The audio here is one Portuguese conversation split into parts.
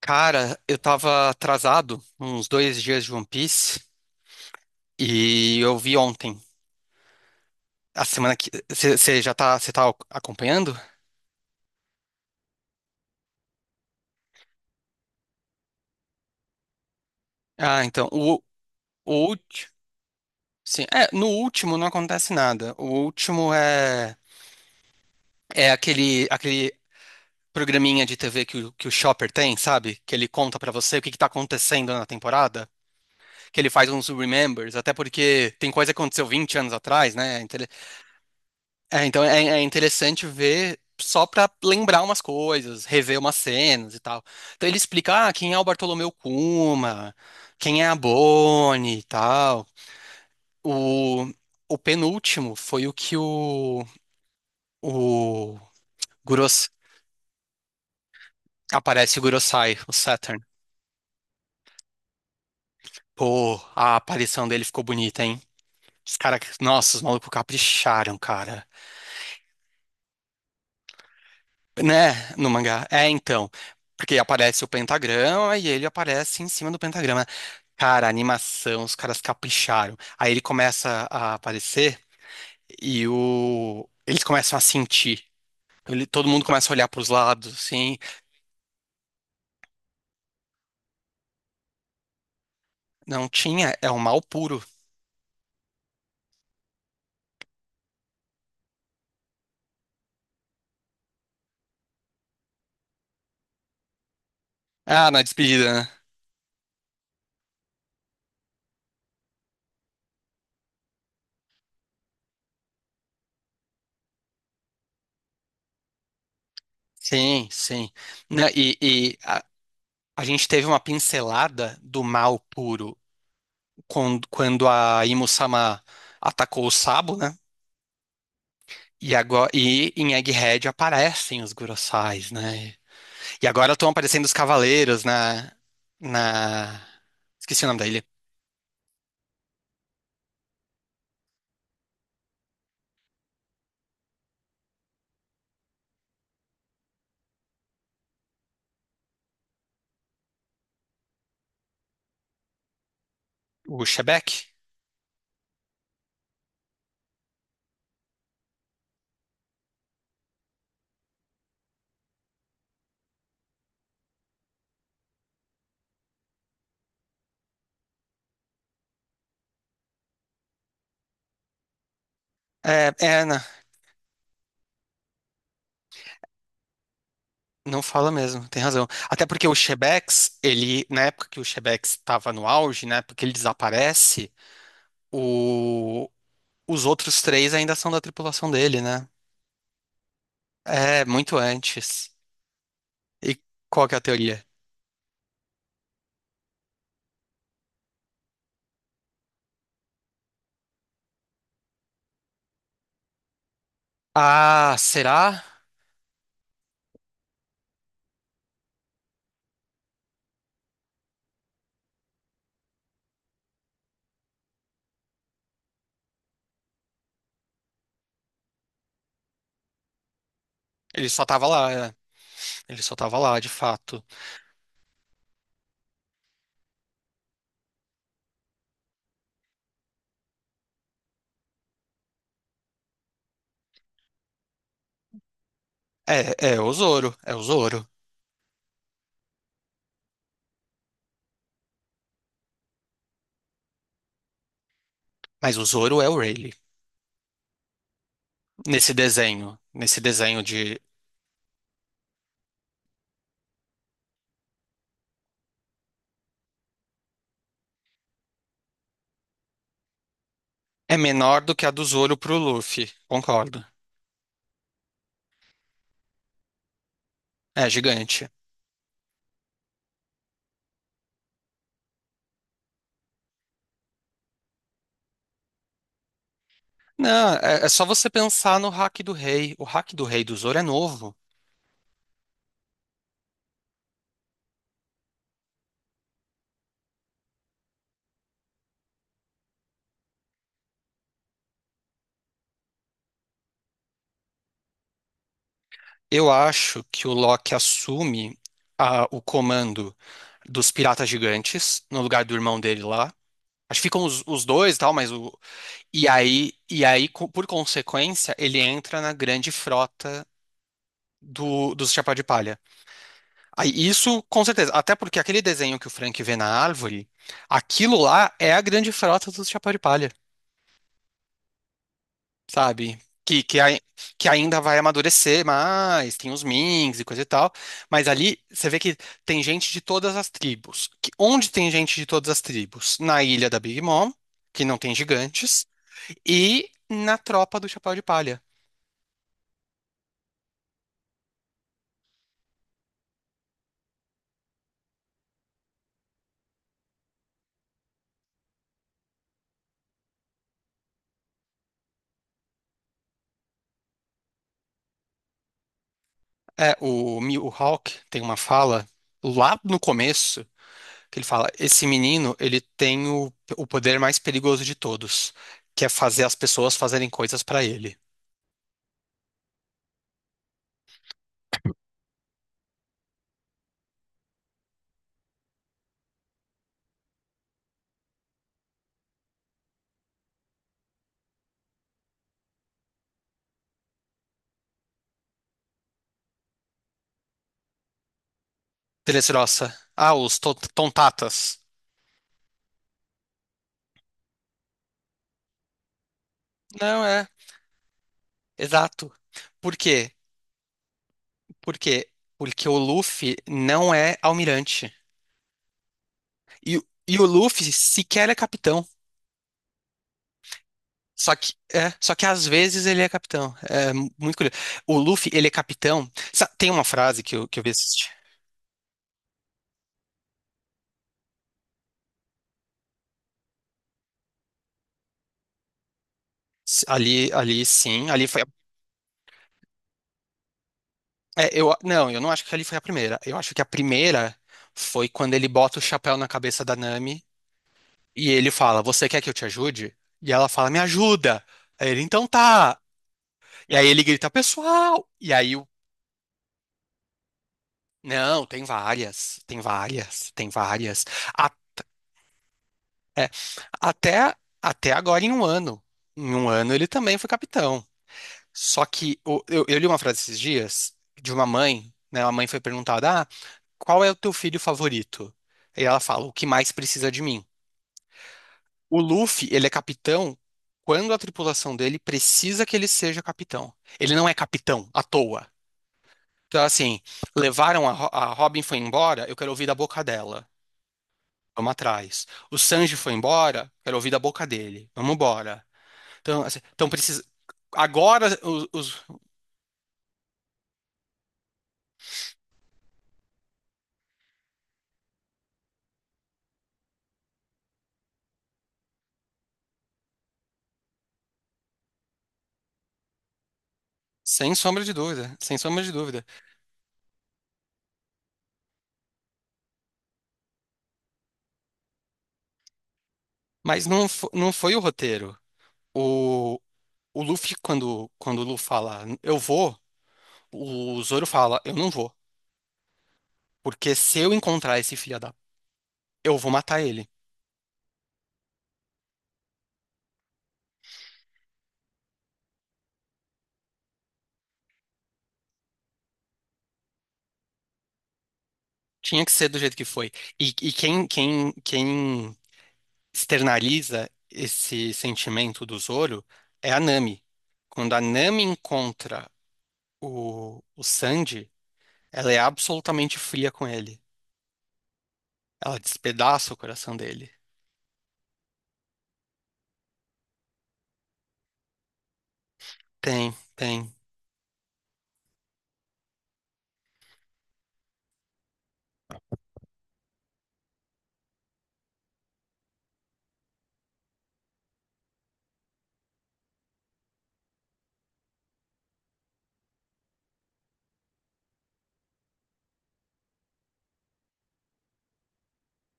Cara, eu tava atrasado uns dois dias de One Piece e eu vi ontem. A semana que. Você já tá, você tá acompanhando? Ah, então. O último. Sim. É, no último não acontece nada. O último é. É aquele programinha de TV que o Chopper tem, sabe? Que ele conta pra você o que que tá acontecendo na temporada. Que ele faz uns remembers, até porque tem coisa que aconteceu 20 anos atrás, né? Então, é interessante ver só para lembrar umas coisas, rever umas cenas e tal. Então ele explica, ah, quem é o Bartolomeu Kuma, quem é a Bonnie e tal. O, o penúltimo foi o que o Guros, aparece o Gurosai, o Saturn. Pô, a aparição dele ficou bonita, hein? Os caras, nossa, os malucos capricharam, cara. Né? No mangá. É, então. Porque aparece o pentagrama e ele aparece em cima do pentagrama. Cara, a animação, os caras capricharam. Aí ele começa a aparecer e eles começam a sentir. Todo mundo começa a olhar pros lados, assim. Não tinha, é o mal puro. Ah, na despedida, né? Sim, sim. Né, a gente teve uma pincelada do mal puro quando, quando a Imusama atacou o Sabo, né? E agora, e em Egghead aparecem os Gurosais, né? E agora estão aparecendo os cavaleiros na, na... Esqueci o nome da ilha. O Shebeck? É, é, na- não fala mesmo, tem razão. Até porque o Shebex, ele, na época que o Shebex estava no auge, né, porque ele desaparece, o, os outros 3 ainda são da tripulação dele, né? É, muito antes. E qual que é a teoria? Ah, será? Ele só tava lá, é. Ele só tava lá, de fato. É, é o Zoro, é o Zoro. Mas o Zoro é o Rayleigh. Nesse desenho de... É menor do que a do Zoro pro Luffy, concordo. É gigante. Não, é, é só você pensar no hack do rei. O hack do rei do Zoro é novo. Eu acho que o Loki assume o comando dos piratas gigantes, no lugar do irmão dele lá. Acho que ficam os dois e tal, mas o... e aí, por consequência, ele entra na grande frota dos Chapéu de Palha. Aí, isso, com certeza. Até porque aquele desenho que o Frank vê na árvore, aquilo lá é a grande frota do Chapéu de Palha, sabe? Que, que, ai- que ainda vai amadurecer mais, tem os Minks e coisa e tal. Mas ali você vê que tem gente de todas as tribos. Onde tem gente de todas as tribos? Na ilha da Big Mom, que não tem gigantes, e na tropa do Chapéu de Palha. É, o Mihawk tem uma fala lá no começo. Que ele fala, esse menino, ele tem o poder mais perigoso de todos, que é fazer as pessoas fazerem coisas pra ele. Telesroça. Ah, os tontatas. Não é, exato. Por quê? Por quê? Porque o Luffy não é almirante. E, e o Luffy sequer é capitão. Só que, só que às vezes ele é capitão. É muito curioso. O Luffy, ele é capitão. Tem uma frase que eu vi assistir. Ali, ali sim, ali foi. É, eu não acho que ali foi a primeira. Eu acho que a primeira foi quando ele bota o chapéu na cabeça da Nami e ele fala: Você quer que eu te ajude? E ela fala: Me ajuda! Aí ele, então tá. E aí ele grita: Pessoal! E aí o. Não, tem várias, tem várias, tem várias. A- é, até, até agora em 1 ano. Em um ano ele também foi capitão. Só que eu li uma frase esses dias de uma mãe, né? A mãe foi perguntada. "Ah, qual é o teu filho favorito? E ela fala, o que mais precisa de mim? O Luffy, ele é capitão quando a tripulação dele precisa que ele seja capitão. Ele não é capitão à toa. Então, assim, levaram a, a Robin foi embora, eu quero ouvir da boca dela. Vamos atrás. O Sanji foi embora, quero ouvir da boca dele. Vamos embora. Então, assim, então precisa. Agora, sem sombra de dúvida, sem sombra de dúvida. Mas não, não foi o roteiro. O O Luffy, quando, quando o Luffy fala, eu vou, o Zoro fala, eu não vou. Porque se eu encontrar esse filho da... Eu vou matar ele. Tinha que ser do jeito que foi. E quem externaliza esse sentimento do Zoro é a Nami. Quando a Nami encontra o Sanji, ela é absolutamente fria com ele. Ela despedaça o coração dele. Tem, tem.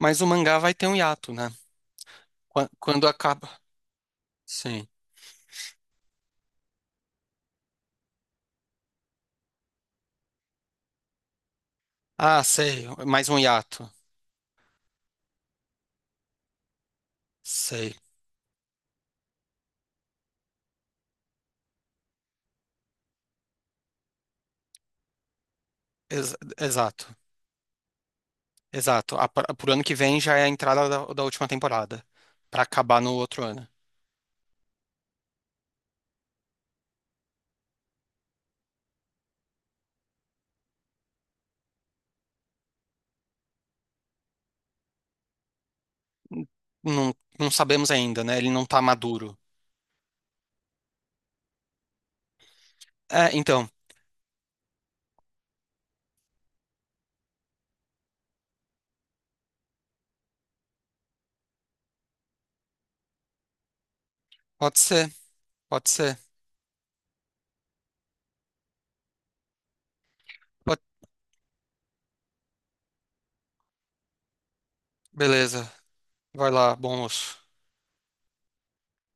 Mas o mangá vai ter um hiato, né? Quando acaba... Sim. Ah, sei, mais um hiato. Sei. Exato, exato. A, pro ano que vem já é a entrada da última temporada, pra acabar no outro ano. Não, não sabemos ainda, né? Ele não tá maduro. É, então, pode ser, pode ser. Pode- Beleza, vai lá, bom moço.